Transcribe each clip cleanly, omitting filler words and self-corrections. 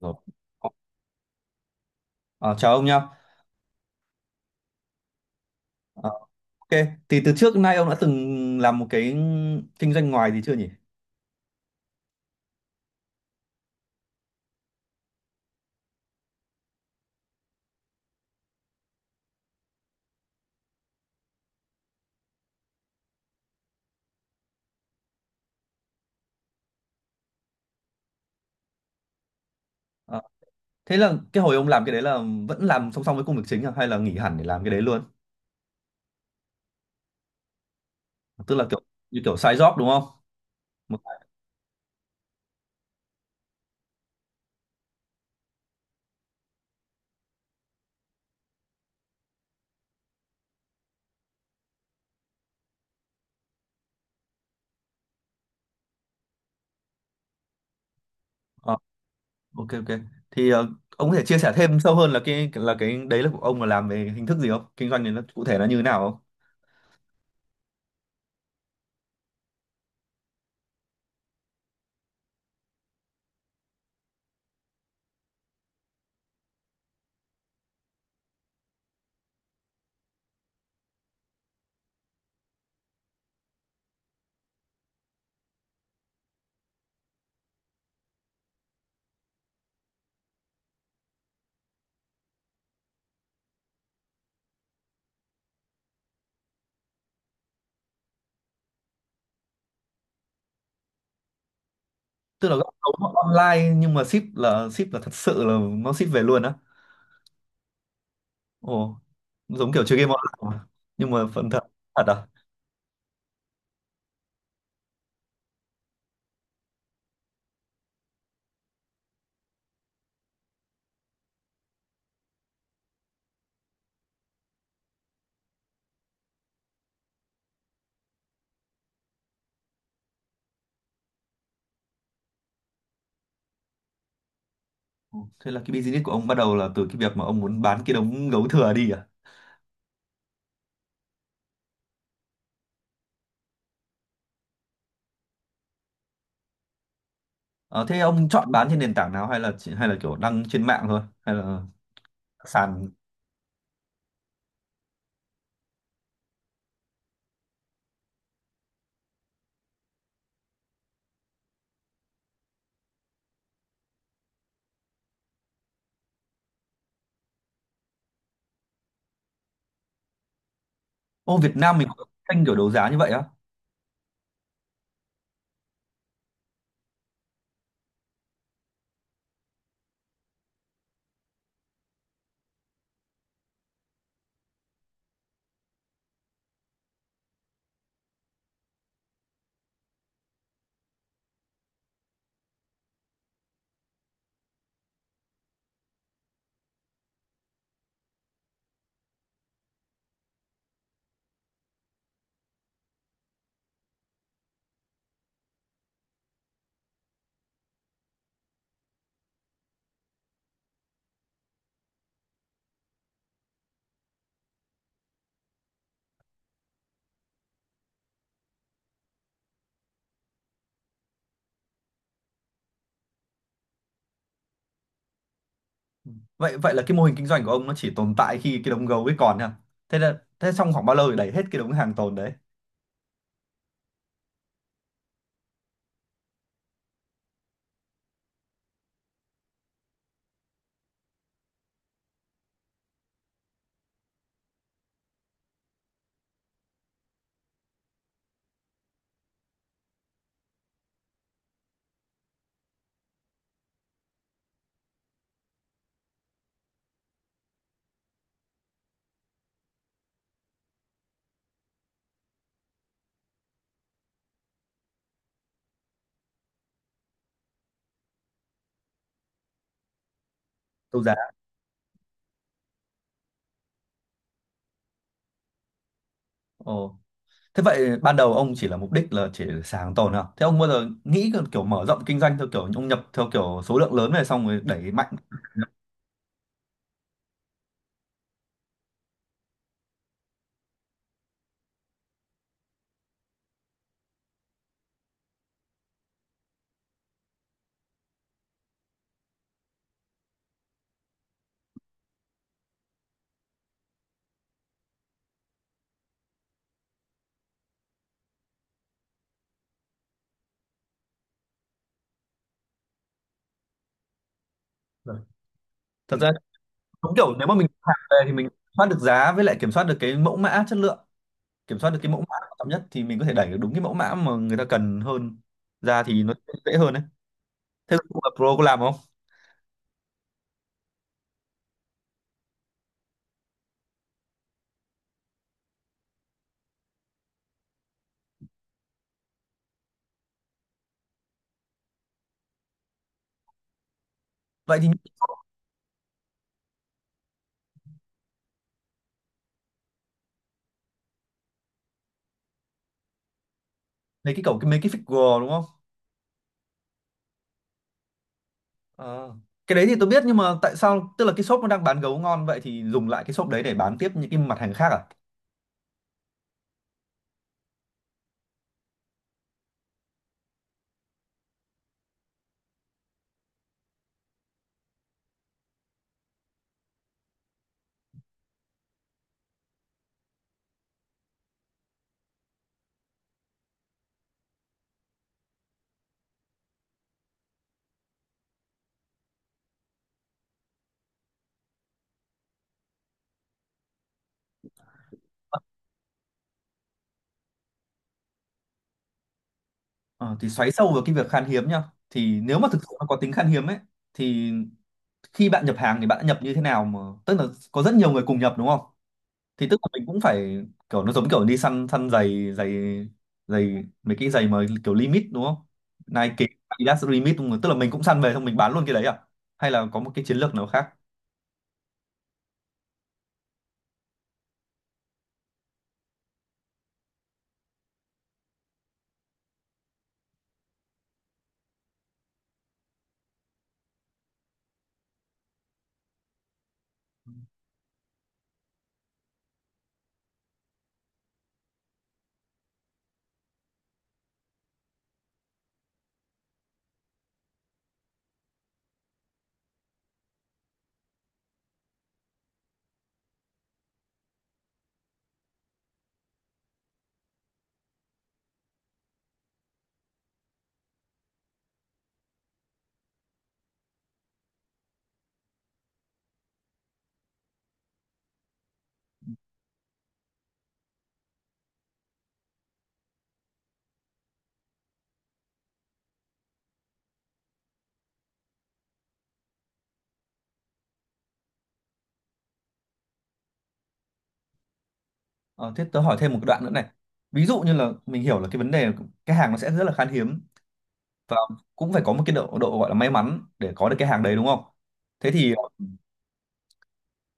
Rồi. Ờ, ờ, chào ông nhá. Ờ, ok, thì từ trước đến nay ông đã từng làm một cái kinh doanh ngoài gì chưa nhỉ? Ờ, thế là cái hồi ông làm cái đấy là vẫn làm song song với công việc chính à? Hay là nghỉ hẳn để làm cái đấy luôn? Tức là kiểu như side job đúng không? Một- ờ, ok ok. Thì ông có thể chia sẻ thêm sâu hơn là cái đấy là của ông là làm về hình thức gì không? Kinh doanh này nó cụ thể nó như thế nào không? Tức là ông online nhưng mà ship là thật sự là nó ship về luôn á. Ồ, giống kiểu chơi game online mà, nhưng mà phần thật thật à? Thế là cái business của ông bắt đầu là từ cái việc mà ông muốn bán cái đống gấu thừa đi à? Ờ, thế ông chọn bán trên nền tảng nào hay là hay là kiểu đăng trên mạng thôi hay là sàn. Ô, Việt Nam mình có kênh kiểu đấu giá như vậy á? Vậy vậy là cái mô hình kinh doanh của ông nó chỉ tồn tại khi cái đống gấu ấy còn nha. Thế trong khoảng bao lâu thì đẩy hết cái đống hàng tồn đấy? Đấu giá. Ồ, thế vậy ban đầu ông chỉ là mục đích là chỉ sàn hàng tồn à, thế ông bao giờ nghĩ kiểu mở rộng kinh doanh theo kiểu ông nhập theo kiểu số lượng lớn này xong rồi đẩy mạnh? Vâng. Thật ra, đúng kiểu nếu mà mình hàng về thì mình kiểm soát được giá với lại kiểm soát được cái mẫu mã chất lượng, kiểm soát được cái mẫu mã quan trọng nhất thì mình có thể đẩy được đúng cái mẫu mã mà người ta cần hơn ra thì nó sẽ dễ hơn đấy. Thế là Pro có làm không? Vậy thì mấy cái cổng cái mấy cái figure đúng không? Ờ. Cái đấy thì tôi biết nhưng mà tại sao tức là cái shop nó đang bán gấu ngon vậy thì dùng lại cái shop đấy để bán tiếp những cái mặt hàng khác à? Ờ, thì xoáy sâu vào cái việc khan hiếm nhá. Thì nếu mà thực sự nó có tính khan hiếm ấy thì khi bạn nhập hàng thì bạn đã nhập như thế nào mà tức là có rất nhiều người cùng nhập đúng không? Thì tức là mình cũng phải kiểu nó giống kiểu đi săn săn giày giày giày mấy cái giày mà kiểu limit đúng không, Nike Adidas limit đúng không? Tức là mình cũng săn về xong mình bán luôn cái đấy à, hay là có một cái chiến lược nào khác? Ờ, thế tớ hỏi thêm một cái đoạn nữa này. Ví dụ như là mình hiểu là cái vấn đề là cái hàng nó sẽ rất là khan hiếm và cũng phải có một cái độ độ gọi là may mắn để có được cái hàng đấy đúng không? Thế thì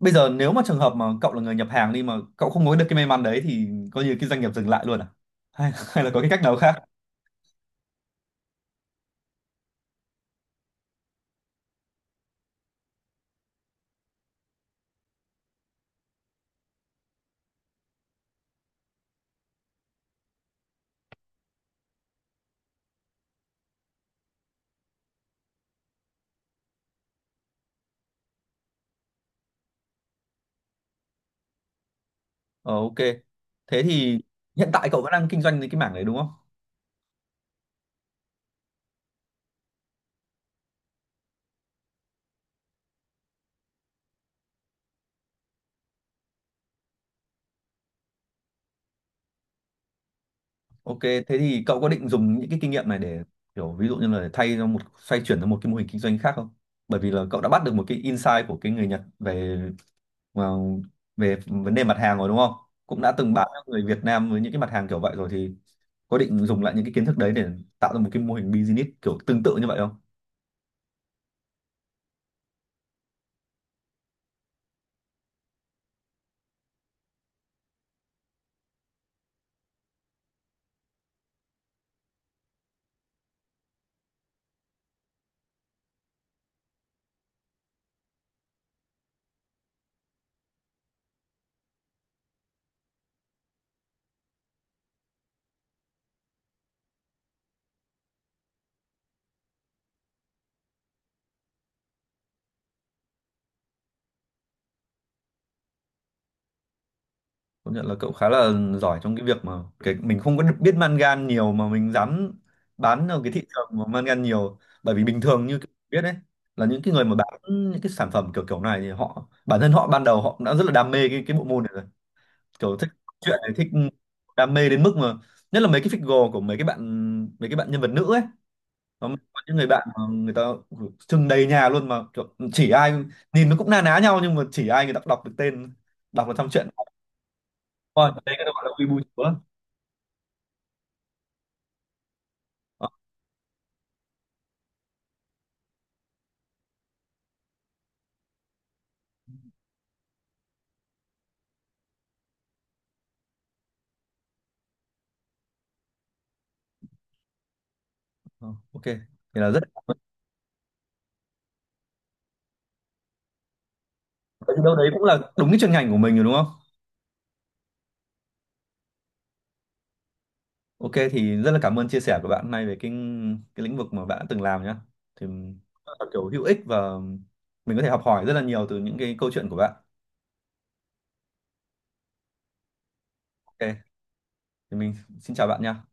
bây giờ nếu mà trường hợp mà cậu là người nhập hàng đi mà cậu không có được cái may mắn đấy thì coi như cái doanh nghiệp dừng lại luôn à, hay hay là có cái cách nào khác? Ờ, ok. Thế thì hiện tại cậu vẫn đang kinh doanh cái mảng đấy đúng không? Ok, thế thì cậu có định dùng những cái kinh nghiệm này để kiểu ví dụ như là thay cho một xoay chuyển sang một cái mô hình kinh doanh khác không? Bởi vì là cậu đã bắt được một cái insight của cái người Nhật về vào- về vấn đề mặt hàng rồi đúng không? Cũng đã từng bán cho người Việt Nam với những cái mặt hàng kiểu vậy rồi thì có định dùng lại những cái kiến thức đấy để tạo ra một cái mô hình business kiểu tương tự như vậy không? Công nhận là cậu khá là giỏi trong cái việc mà cái mình không có biết mangan nhiều mà mình dám bán ở cái thị trường mà mangan nhiều, bởi vì bình thường như cậu biết đấy là những cái người mà bán những cái sản phẩm kiểu kiểu này thì họ bản thân họ ban đầu họ đã rất là đam mê cái bộ môn này rồi, kiểu thích chuyện này, thích đam mê đến mức mà nhất là mấy cái figure của mấy cái bạn, mấy cái bạn nhân vật nữ ấy, có những người bạn mà người ta trưng đầy nhà luôn mà kiểu chỉ ai nhìn nó cũng na ná nhau nhưng mà chỉ ai người ta cũng đọc được tên, đọc được trong chuyện. Ôi, đấy cái đó gọi là quy bù chúa. Ờ, ờ, ok thì là rất. Vậy đâu đấy cũng là đúng cái chuyên ngành của mình rồi đúng không? Ok thì rất là cảm ơn chia sẻ của bạn hôm nay về cái lĩnh vực mà bạn đã từng làm nhá, thì rất là kiểu hữu ích và mình có thể học hỏi rất là nhiều từ những cái câu chuyện của bạn. Ok thì mình xin chào bạn nha.